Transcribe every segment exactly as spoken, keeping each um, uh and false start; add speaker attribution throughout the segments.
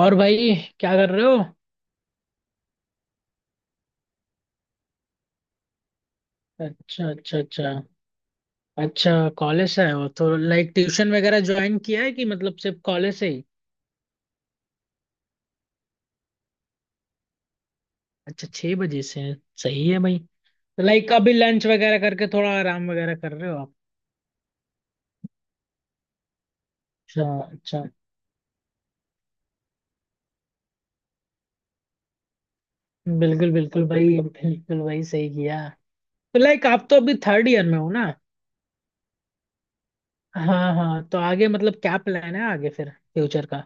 Speaker 1: और भाई, क्या कर रहे हो? अच्छा, अच्छा, अच्छा। अच्छा। कॉलेज से आए हो तो लाइक ट्यूशन वगैरह ज्वाइन किया है कि मतलब सिर्फ कॉलेज से ही? अच्छा, छह बजे से है। सही है भाई। तो लाइक अभी लंच वगैरह करके थोड़ा आराम वगैरह कर रहे हो आप? अच्छा, अच्छा। बिल्कुल बिल्कुल भाई, बिल्कुल भाई, सही किया। तो लाइक आप तो अभी थर्ड ईयर में हो ना? हाँ हाँ, तो आगे मतलब क्या प्लान है आगे फिर फ्यूचर का?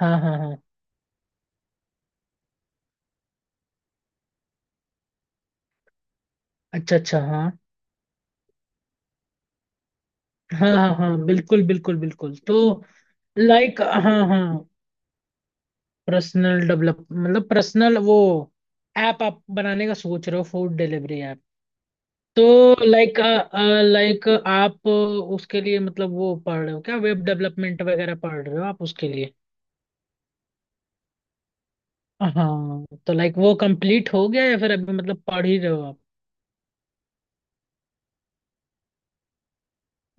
Speaker 1: हाँ हाँ हाँ। अच्छा, अच्छा, हाँ। हाँ हाँ हाँ बिल्कुल बिल्कुल बिल्कुल, तो लाइक, हाँ। हाँ। पर्सनल डेवलप मतलब पर्सनल वो, ऐप आप बनाने का सोच रहे हो, फूड डिलीवरी ऐप? तो लाइक लाइक आप उसके लिए मतलब वो पढ़ रहे हो क्या, वेब डेवलपमेंट वगैरह पढ़ रहे हो आप उसके लिए? हाँ, तो लाइक वो कंप्लीट हो गया या फिर अभी मतलब पढ़ ही रहे हो आप?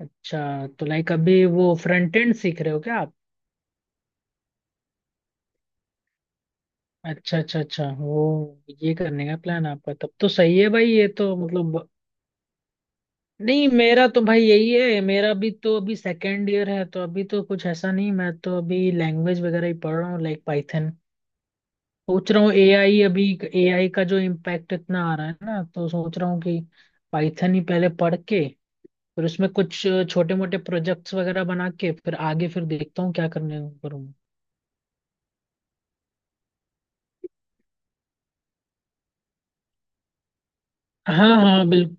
Speaker 1: अच्छा, तो लाइक अभी वो फ्रंट एंड सीख रहे हो क्या आप? अच्छा, अच्छा, अच्छा, वो ये करने का प्लान आपका, तब तो सही है भाई, ये तो मतलब। नहीं, मेरा तो भाई यही है, मेरा भी तो अभी सेकेंड ईयर है, तो अभी तो कुछ ऐसा नहीं, मैं तो अभी लैंग्वेज वगैरह ही पढ़ रहा हूँ, लाइक पाइथन। सोच रहा हूँ एआई अभी। एआई का जो इम्पैक्ट इतना आ रहा है ना, तो सोच रहा हूँ कि पाइथन ही पहले पढ़ के, फिर उसमें कुछ छोटे मोटे प्रोजेक्ट्स वगैरह बना के फिर आगे फिर देखता हूँ क्या करने करूँगा। हाँ हाँ, बिल्कुल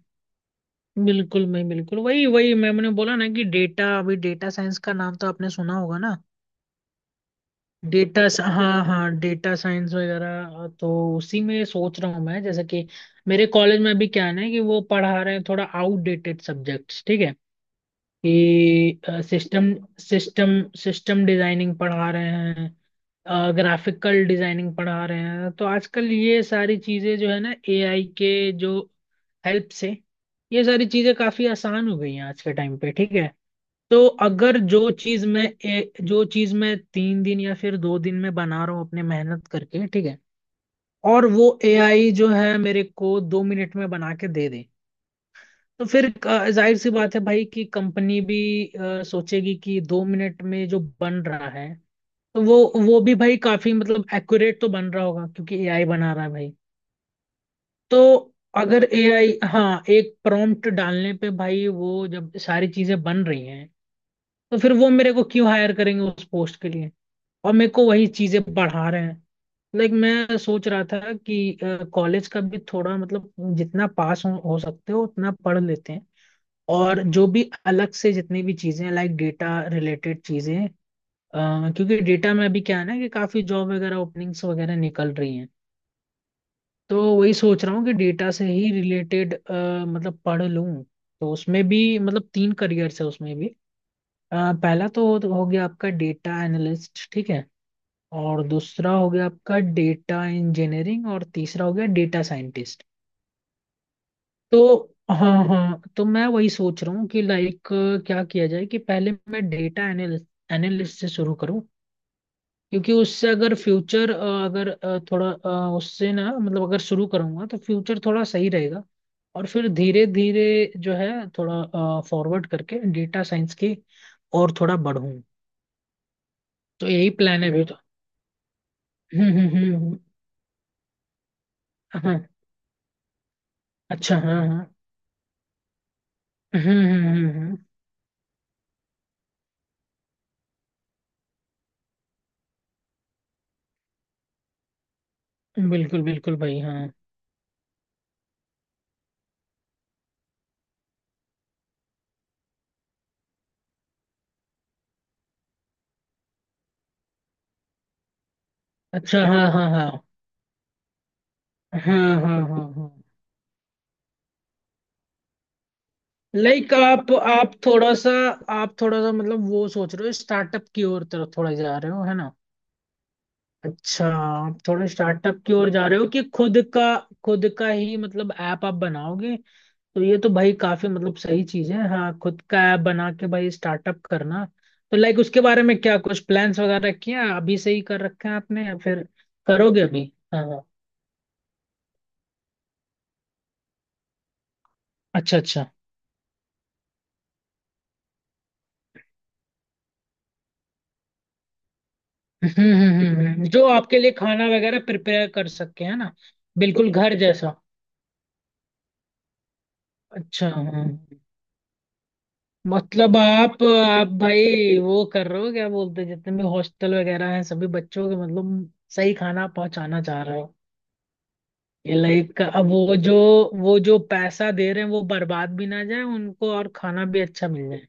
Speaker 1: बिल्कुल, मैं बिल्कुल वही वही मैं- मैंने बोला ना कि डेटा, अभी डेटा साइंस का नाम तो आपने सुना होगा ना? डेटा, हाँ हाँ, डेटा साइंस वगैरह, तो उसी में सोच रहा हूँ मैं, जैसे कि मेरे कॉलेज में अभी क्या है ना कि वो पढ़ा रहे हैं थोड़ा आउटडेटेड सब्जेक्ट्स, ठीक है, कि सिस्टम सिस्टम सिस्टम डिजाइनिंग पढ़ा रहे हैं, ग्राफिकल डिजाइनिंग पढ़ा रहे हैं, तो आजकल ये सारी चीजें जो है ना, एआई के जो हेल्प से ये सारी चीजें काफी आसान हो गई हैं आज के टाइम पे, ठीक है। तो अगर जो चीज मैं ए, जो चीज मैं तीन दिन या फिर दो दिन में बना रहा हूँ अपने मेहनत करके, ठीक है, और वो एआई जो है मेरे को दो मिनट में बना के दे दे, तो फिर अ, जाहिर सी बात है भाई कि कंपनी भी अ, सोचेगी कि दो मिनट में जो बन रहा है, तो वो वो भी भाई काफी मतलब एक्यूरेट तो बन रहा होगा, क्योंकि एआई बना रहा है भाई। तो अगर एआई, हाँ, एक प्रॉम्प्ट डालने पे भाई वो जब सारी चीजें बन रही हैं, तो फिर वो मेरे को क्यों हायर करेंगे उस पोस्ट के लिए, और मेरे को वही चीजें बढ़ा रहे हैं। लाइक मैं सोच रहा था कि कॉलेज का भी थोड़ा मतलब, जितना पास हो, हो सकते हो उतना पढ़ लेते हैं, और जो भी अलग से जितनी भी चीजें लाइक डेटा रिलेटेड चीजें, अ, क्योंकि डेटा में अभी क्या है ना कि काफी जॉब वगैरह ओपनिंग्स वगैरह निकल रही हैं, तो वही सोच रहा हूँ कि डेटा से ही रिलेटेड मतलब पढ़ लूँ। तो उसमें भी मतलब तीन करियर्स है उसमें भी, आ, पहला तो हो गया आपका डेटा एनालिस्ट, ठीक है, और दूसरा हो गया आपका डेटा इंजीनियरिंग, और तीसरा हो गया डेटा साइंटिस्ट। तो हाँ हाँ, तो मैं वही सोच रहा हूँ कि लाइक क्या किया जाए कि पहले मैं डेटा एनालिस्ट एनालिस्ट से शुरू करूँ, क्योंकि उससे अगर फ्यूचर अगर अ, थोड़ा अ, उससे ना मतलब अगर शुरू करूँगा तो फ्यूचर थोड़ा सही रहेगा, और फिर धीरे धीरे जो है थोड़ा फॉरवर्ड करके डेटा साइंस की और थोड़ा बढ़ूँ, तो यही प्लान है। हम्म हम्म हम्म, हम्म। हाँ। अच्छा, हाँ हाँ। हम्म हम्म हम्म हम्म, बिल्कुल बिल्कुल भाई, हाँ। अच्छा, हाँ हाँ हाँ हाँ। हाँ हाँ हाँ। लाइक आप आप थोड़ा सा, आप थोड़ा सा मतलब वो सोच रहे हो स्टार्टअप की ओर तरफ थोड़ा जा रहे हो, है? अच्छा, आप थोड़ा स्टार्टअप की ओर जा रहे हो कि खुद का? खुद का ही मतलब ऐप आप बनाओगे, तो ये तो भाई काफी मतलब सही चीज है, हाँ खुद का ऐप बना के भाई स्टार्टअप करना। तो लाइक उसके बारे में क्या कुछ प्लान्स वगैरह किए हैं? अभी से ही कर रखे हैं आपने या फिर करोगे अभी? हाँ हाँ। अच्छा, अच्छा। हम्म हम्म हम्म हम्म। हम्म। जो आपके लिए खाना वगैरह प्रिपेयर कर सके, है ना? बिल्कुल घर जैसा। अच्छा, हाँ। मतलब आप आप भाई वो कर रहे हो, क्या बोलते हैं, जितने भी हॉस्टल वगैरह हैं सभी बच्चों के मतलब सही खाना पहुंचाना चाह रहे हो? ये लाइक, अब वो जो, वो जो पैसा दे रहे हैं वो बर्बाद भी ना जाए उनको और खाना भी अच्छा मिल जाए।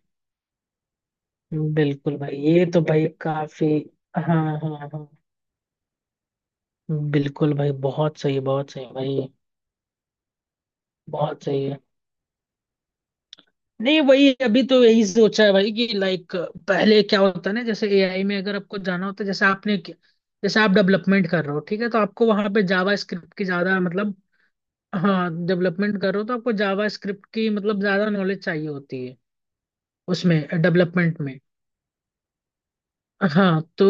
Speaker 1: बिल्कुल भाई, ये तो भाई काफी। हाँ हाँ हाँ, बिल्कुल भाई, बहुत सही, बहुत सही भाई। बहुत सही है। नहीं, वही अभी तो यही सोचा है भाई कि लाइक पहले क्या होता है ना, जैसे एआई में अगर आपको जाना होता है, जैसे आपने कि- जैसे आप डेवलपमेंट कर रहे हो, ठीक है, तो आपको वहां पे जावा स्क्रिप्ट की ज्यादा मतलब, हाँ डेवलपमेंट कर रहे हो तो आपको जावा स्क्रिप्ट की मतलब ज्यादा नॉलेज चाहिए होती है, उसमें डेवलपमेंट में। हाँ, तो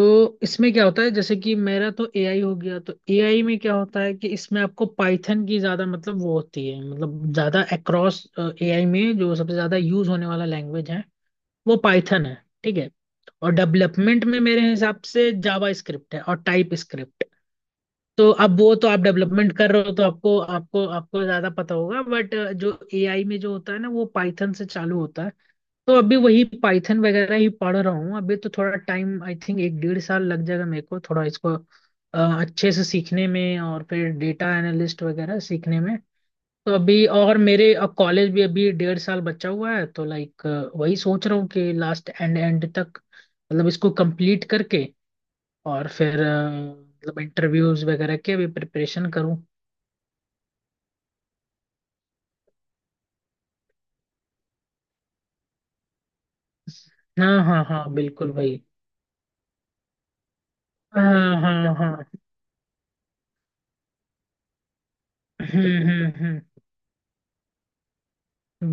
Speaker 1: इसमें क्या होता है, जैसे कि मेरा तो एआई हो गया, तो एआई में क्या होता है कि इसमें आपको पाइथन की ज्यादा मतलब वो होती है, मतलब ज्यादा अक्रॉस एआई में जो सबसे ज्यादा यूज होने वाला लैंग्वेज है वो पाइथन है, ठीक है। और डेवलपमेंट में मेरे हिसाब से जावा स्क्रिप्ट है और टाइप स्क्रिप्ट। तो अब वो तो आप डेवलपमेंट कर रहे हो तो आपको आपको आपको ज्यादा पता होगा, बट जो एआई में जो होता है ना वो पाइथन से चालू होता है। तो अभी वही पाइथन वगैरह ही पढ़ रहा हूँ, अभी तो थोड़ा टाइम आई थिंक एक डेढ़ साल लग जाएगा मेरे को थोड़ा इसको अ, अच्छे से सीखने में, और फिर डेटा एनालिस्ट वगैरह सीखने में। तो अभी, और मेरे अब कॉलेज भी अभी डेढ़ साल बचा हुआ है, तो लाइक वही सोच रहा हूँ कि लास्ट एंड एंड तक मतलब इसको कंप्लीट करके, और फिर अ, मतलब इंटरव्यूज वगैरह के भी प्रिपरेशन करूँ। हाँ हाँ हाँ, बिल्कुल भाई। हाँ हाँ हाँ। हम्म हम्म हम्म।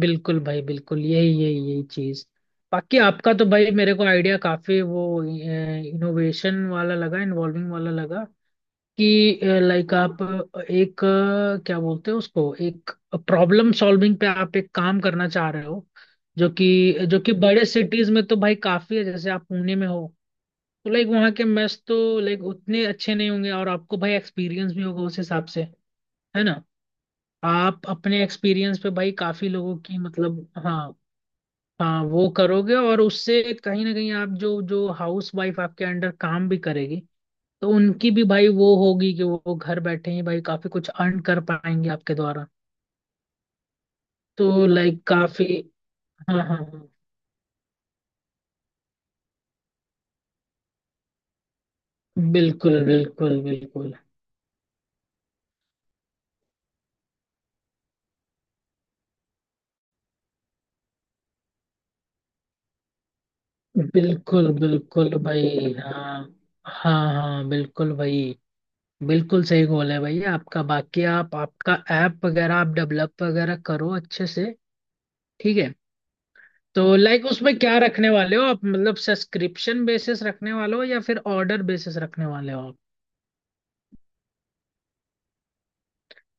Speaker 1: बिल्कुल भाई बिल्कुल, यही यही यही चीज। बाकी आपका तो भाई मेरे को आइडिया काफी वो इनोवेशन वाला लगा, इन्वॉल्विंग वाला लगा कि लाइक आप एक अ, क्या बोलते हैं उसको, एक प्रॉब्लम सॉल्विंग पे आप एक काम करना चाह रहे हो, जो कि जो कि बड़े सिटीज में तो भाई काफी है, जैसे आप पुणे में हो, तो लाइक वहाँ के मेस तो लाइक उतने अच्छे नहीं होंगे, और आपको भाई एक्सपीरियंस भी होगा उस हिसाब से, है ना। आप अपने एक्सपीरियंस पे भाई काफी लोगों की मतलब, हाँ हाँ, वो करोगे और उससे कहीं ना कहीं आप जो जो हाउस वाइफ आपके अंडर काम भी करेगी, तो उनकी भी भाई वो होगी कि वो घर बैठे ही भाई काफी कुछ अर्न कर पाएंगे आपके द्वारा। तो लाइक काफी, हाँ हाँ हाँ। बिल्कुल बिल्कुल बिल्कुल। बिल्कुल बिल्कुल भाई, हाँ हाँ हाँ, बिल्कुल भाई। बिल्कुल सही गोल है भाई आपका, बाकी आप आपका ऐप वगैरह आप डेवलप वगैरह करो अच्छे से, ठीक है। तो लाइक उसमें क्या रखने वाले हो आप, मतलब सब्सक्रिप्शन बेसिस रखने वाले हो या फिर ऑर्डर बेसिस रखने वाले हो आप?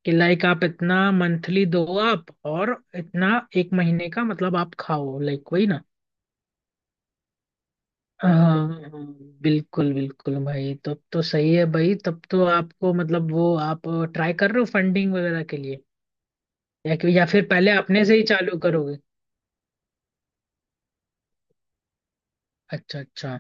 Speaker 1: कि लाइक आप इतना मंथली दो आप और इतना एक महीने का मतलब आप खाओ, लाइक वही ना? हाँ, हाँ, बिल्कुल बिल्कुल भाई, तब तो सही है भाई, तब तो आपको मतलब वो आप ट्राई कर रहे हो फंडिंग वगैरह के लिए, या, कि- या फिर पहले अपने से ही चालू करोगे? अच्छा, अच्छा।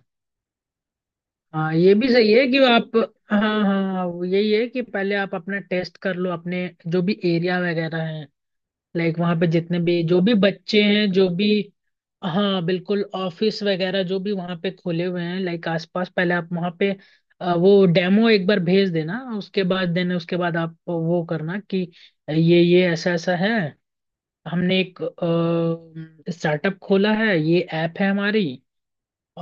Speaker 1: हाँ, ये भी सही है कि आप, हाँ हाँ हाँ, वो यही है कि पहले आप अपना टेस्ट कर लो, अपने जो भी एरिया वगैरह है, लाइक वहाँ पे जितने भी जो भी बच्चे हैं जो भी, हाँ बिल्कुल, ऑफिस वगैरह जो भी वहाँ पे खुले हुए हैं लाइक आसपास, पहले आप वहाँ पे अ, वो डेमो एक बार भेज देना, उसके बाद देना, उसके बाद आप वो करना कि ये ये ऐसा ऐसा है, हमने एक स्टार्टअप खोला है, ये ऐप है हमारी,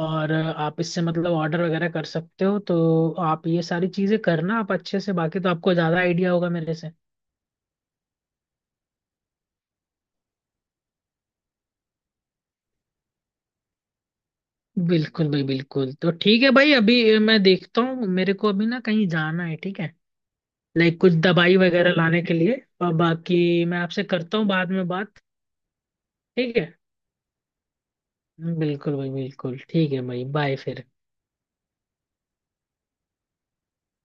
Speaker 1: और आप इससे मतलब ऑर्डर वगैरह कर सकते हो, तो आप ये सारी चीजें करना आप अच्छे से, बाकी तो आपको ज्यादा आइडिया होगा मेरे से। बिल्कुल भाई बिल्कुल, तो ठीक है भाई, अभी मैं देखता हूँ, मेरे को अभी ना कहीं जाना है, ठीक है, लाइक कुछ दवाई वगैरह लाने के लिए, और बाकी मैं आपसे करता हूँ बाद में बात। ठीक है। बिल्कुल भाई बिल्कुल, ठीक है भाई, बाय फिर।